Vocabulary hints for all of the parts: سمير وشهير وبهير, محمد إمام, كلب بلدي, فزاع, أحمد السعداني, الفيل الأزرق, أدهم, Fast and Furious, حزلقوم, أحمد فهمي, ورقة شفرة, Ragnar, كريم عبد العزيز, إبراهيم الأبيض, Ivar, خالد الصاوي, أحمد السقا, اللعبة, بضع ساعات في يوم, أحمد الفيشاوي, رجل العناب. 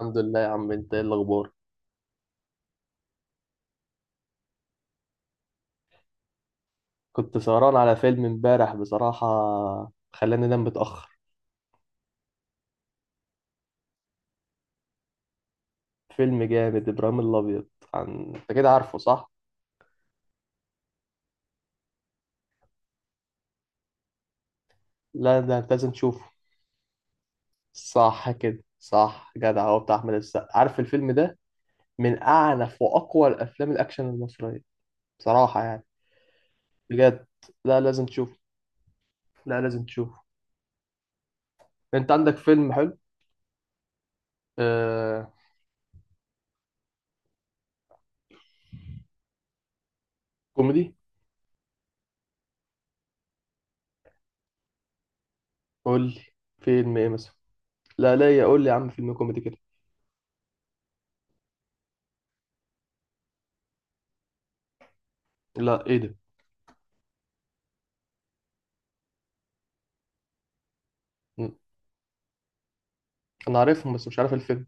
الحمد لله يا عم، انت ايه الاخبار؟ كنت سهران على فيلم امبارح بصراحة، خلاني انام متأخر. فيلم جامد، ابراهيم الابيض. انت كده عارفه صح؟ لا ده انت لازم تشوفه. صح كده صح، جدع، هو بتاع احمد السقا، عارف الفيلم ده؟ من اعنف واقوى الافلام الاكشن المصرية بصراحة يعني، بجد. لا لازم تشوفه، لا لازم تشوفه، انت عندك فيلم حلو. آه... كوميدي. قول لي فيلم ايه مثلا. لا لا، يا قول لي يا عم فيلم كوميدي كده. لا ايه ده؟ انا عارفهم بس مش عارف الفيلم.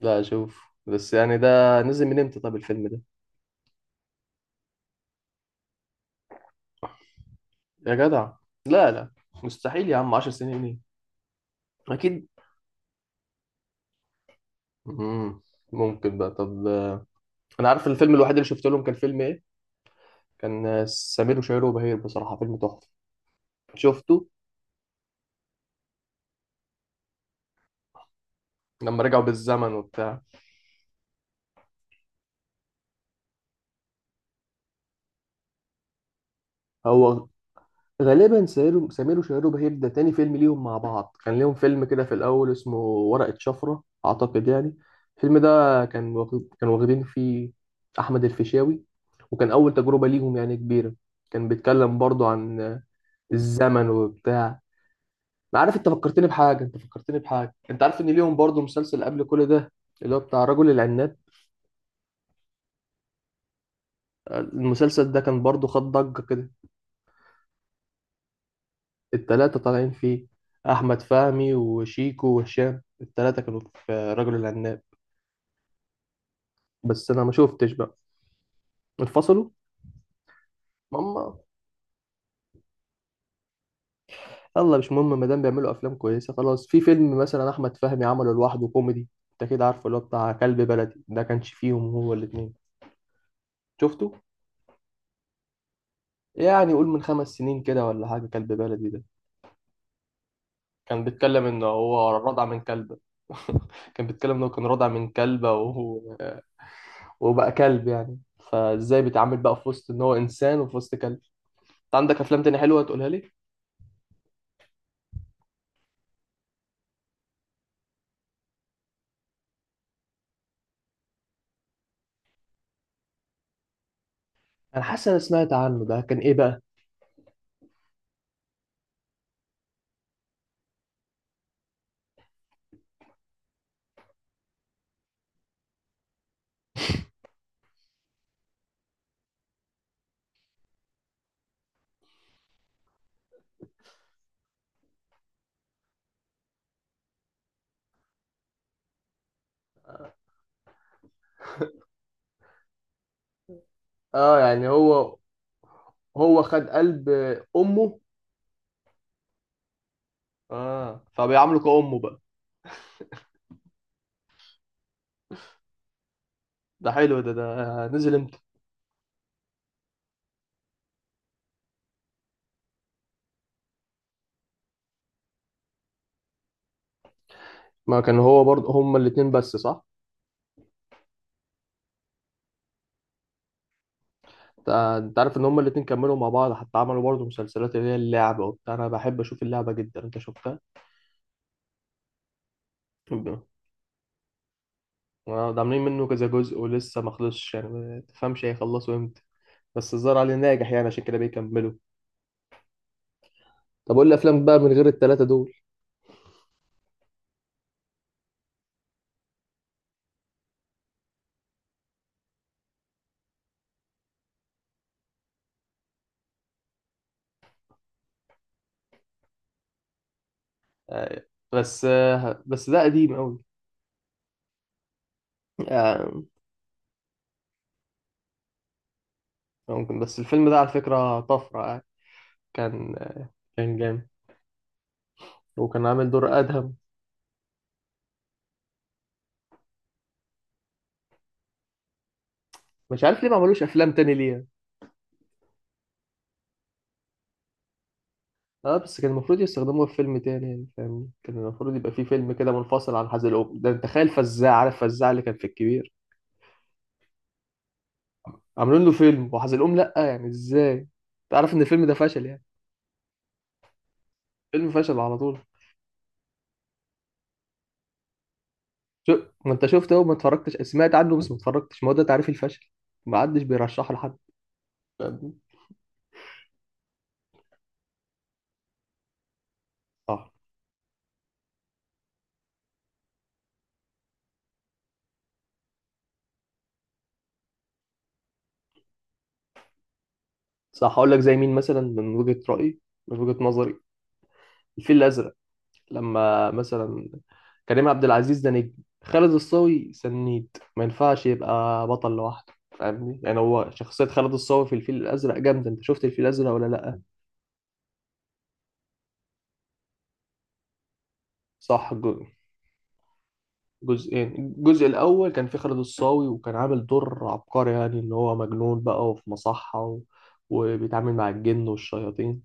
لا اشوف، بس يعني ده نزل من امتى طب الفيلم ده؟ يا جدع، لا لا، مستحيل يا عم، 10 سنين ايه؟ اكيد. مم. ممكن بقى طب. انا عارف الفيلم الوحيد اللي شفت لهم كان فيلم ايه، كان سمير وشهير وبهير، بصراحة فيلم تحفة. شفته؟ لما رجعوا بالزمن وبتاع. هو غالبا سمير وشهير وبهير ده تاني فيلم ليهم مع بعض، كان ليهم فيلم كده في الأول اسمه ورقة شفرة أعتقد يعني. الفيلم ده كان واخدين فيه أحمد الفيشاوي، وكان أول تجربة ليهم يعني كبيرة. كان بيتكلم برضو عن الزمن وبتاع. ما عارف، أنت فكرتني بحاجة، أنت عارف إن ليهم برضو مسلسل قبل كل ده، اللي هو بتاع رجل العناب. المسلسل ده كان برضو خد ضجة كده. التلاتة طالعين فيه، أحمد فهمي وشيكو وهشام، التلاتة كانوا في رجل العناب، بس أنا ما شفتش بقى. انفصلوا. ماما. يلا مش مهم، ما دام بيعملوا أفلام كويسة خلاص. في فيلم مثلا أحمد فهمي عمله لوحده كوميدي، أنت كده عارفه، اللي هو بتاع كلب بلدي، ده كانش فيهم هو الاتنين. شفته؟ يعني قول من 5 سنين كده ولا حاجة كلب بلدي ده. كان بيتكلم إن هو رضع من كلبة. كان بيتكلم إنه كان رضع من كلبة، وهو وبقى كلب يعني، فازاي بيتعامل بقى في وسط ان هو انسان وفي وسط كلب. انت عندك افلام تاني حلوه تقولها لي؟ انا حاسس انا سمعت عنه، ده كان ايه بقى؟ اه يعني هو، هو خد قلب امه. اه، فبيعامله كأمه بقى. ده حلو، ده نزل امتى؟ ما كان هو برضه هما الاتنين بس صح؟ أنت عارف ان هما الاتنين كملوا مع بعض، حتى عملوا برضه مسلسلات، اللي هي اللعبة وبتاع. انا بحب اشوف اللعبة جدا، انت شفتها؟ اه، ده عاملين منه كذا جزء ولسه ما خلصش، يعني ما تفهمش هيخلصوا امتى، بس الظاهر عليه ناجح يعني، عشان كده بيكملوا. طب قول لي افلام بقى من غير الثلاثه دول. آه، بس ده قديم قوي يعني. ممكن، بس الفيلم ده على فكرة طفرة يعني. كان كان جامد، وكان عامل دور أدهم. مش عارف ليه ما عملوش أفلام تاني ليه. اه، بس كان المفروض يستخدموه في فيلم تاني يعني، فاهم؟ كان المفروض يبقى فيه فيلم كده منفصل عن حزلقوم ده. انت تخيل فزاع، عارف فزاع اللي كان في الكبير؟ عاملين له فيلم، وحزلقوم لأ، يعني ازاي؟ تعرف ان الفيلم ده فشل يعني، فيلم فشل على طول. شو ما انت شفت اهو، ما اتفرجتش، سمعت عنه بس ما اتفرجتش. ما هو ده تعريف الفشل، ما حدش بيرشحه لحد. فاهمني؟ صح، صح، هقول لك زي مين مثلا، من وجهة رأيي، من وجهة نظري. الفيل الأزرق، لما مثلا كريم عبد العزيز ده نجم، خالد الصاوي سنيد ما ينفعش يبقى بطل لوحده. فاهمني؟ يعني هو شخصية خالد الصاوي في الفيل الأزرق جامدة. انت شفت الفيل الأزرق ولا لأ؟ صح، جزئين، الجزء الأول كان في خالد الصاوي، وكان عامل دور عبقري يعني، إن هو مجنون بقى وفي مصحة وبيتعامل مع الجن والشياطين.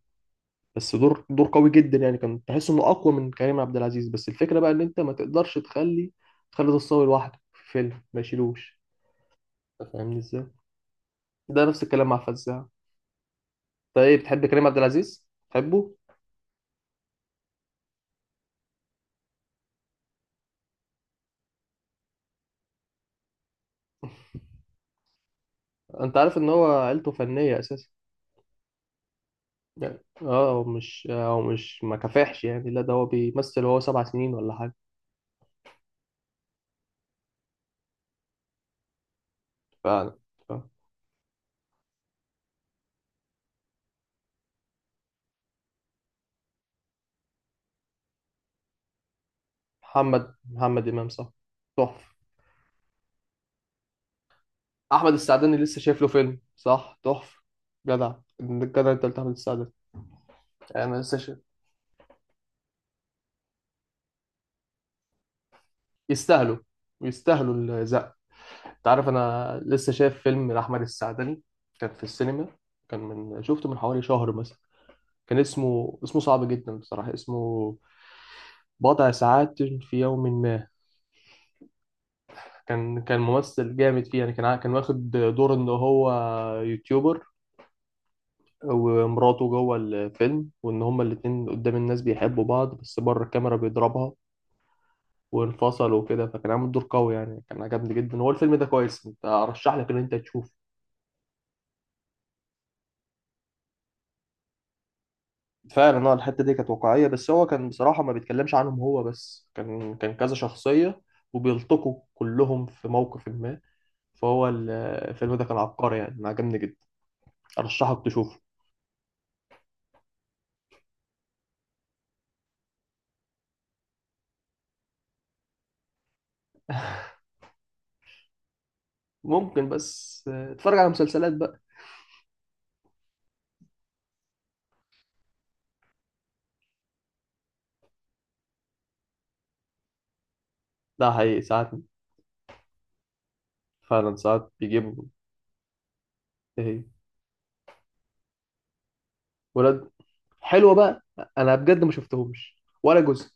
بس دور قوي جدا يعني، كان تحس إنه أقوى من كريم عبد العزيز. بس الفكرة بقى إن أنت ما تقدرش تخلي خالد الصاوي لوحده في فيلم ما يشيلوش. أنت فاهمني إزاي؟ ده نفس الكلام مع فزاع. أنت إيه بتحب كريم عبد العزيز؟ تحبه؟ أنت عارف إن هو عيلته فنية أساسا، يعني آه هو مش، هو مش ما كفاحش يعني، لا ده هو بيمثل وهو 7 سنين ولا حاجة. فعلا. فعلا. محمد إمام صح، تحفة. أحمد السعداني لسه شايف له فيلم صح، تحفة، جدع. جدع، أنت قلت أحمد السعداني. أنا لسه شايف. يستاهلوا، يستاهلوا الزق. أنت عارف، أنا لسه شايف فيلم لأحمد السعداني، كان في السينما، كان من شفته من حوالي شهر مثلا. كان اسمه، اسمه صعب جدا بصراحة، اسمه بضع ساعات في يوم ما. كان ممثل جامد فيه يعني. كان واخد دور إن هو يوتيوبر، ومراته جوه الفيلم، وان هما الاتنين قدام الناس بيحبوا بعض، بس بره الكاميرا بيضربها وانفصلوا وكده. فكان عامل دور قوي يعني، كان عجبني جدا، هو الفيلم ده كويس، انت ارشح لك ان انت تشوفه. فعلا اه، الحته دي كانت واقعيه، بس هو كان بصراحه ما بيتكلمش عنهم هو بس، كان كذا شخصيه وبيلتقوا كلهم في موقف ما، فهو الفيلم ده كان عبقري يعني، أنا عجبني جدا، ارشحك تشوفه. ممكن، بس آه اتفرج على مسلسلات بقى. ده حقيقي ساعات. فعلا ساعات بيجيب. ايه ولاد. حلوه بقى، انا بجد ما شفتهمش ولا جزء.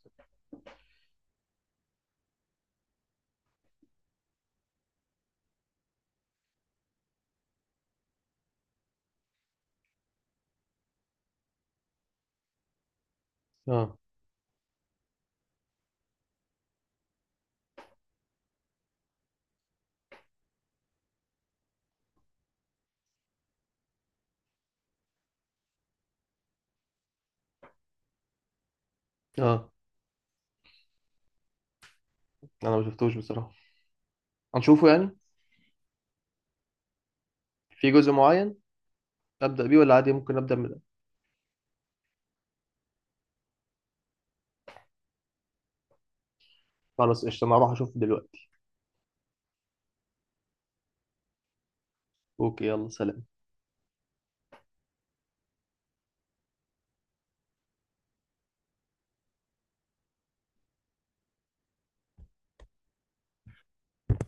اه. اه انا ما شفتهوش بصراحه، هنشوفه يعني، في جزء معين ابدا بيه ولا عادي ممكن ابدا من. خلاص قشطه، انا هروح اشوفه دلوقتي. اوكي، يلا سلام.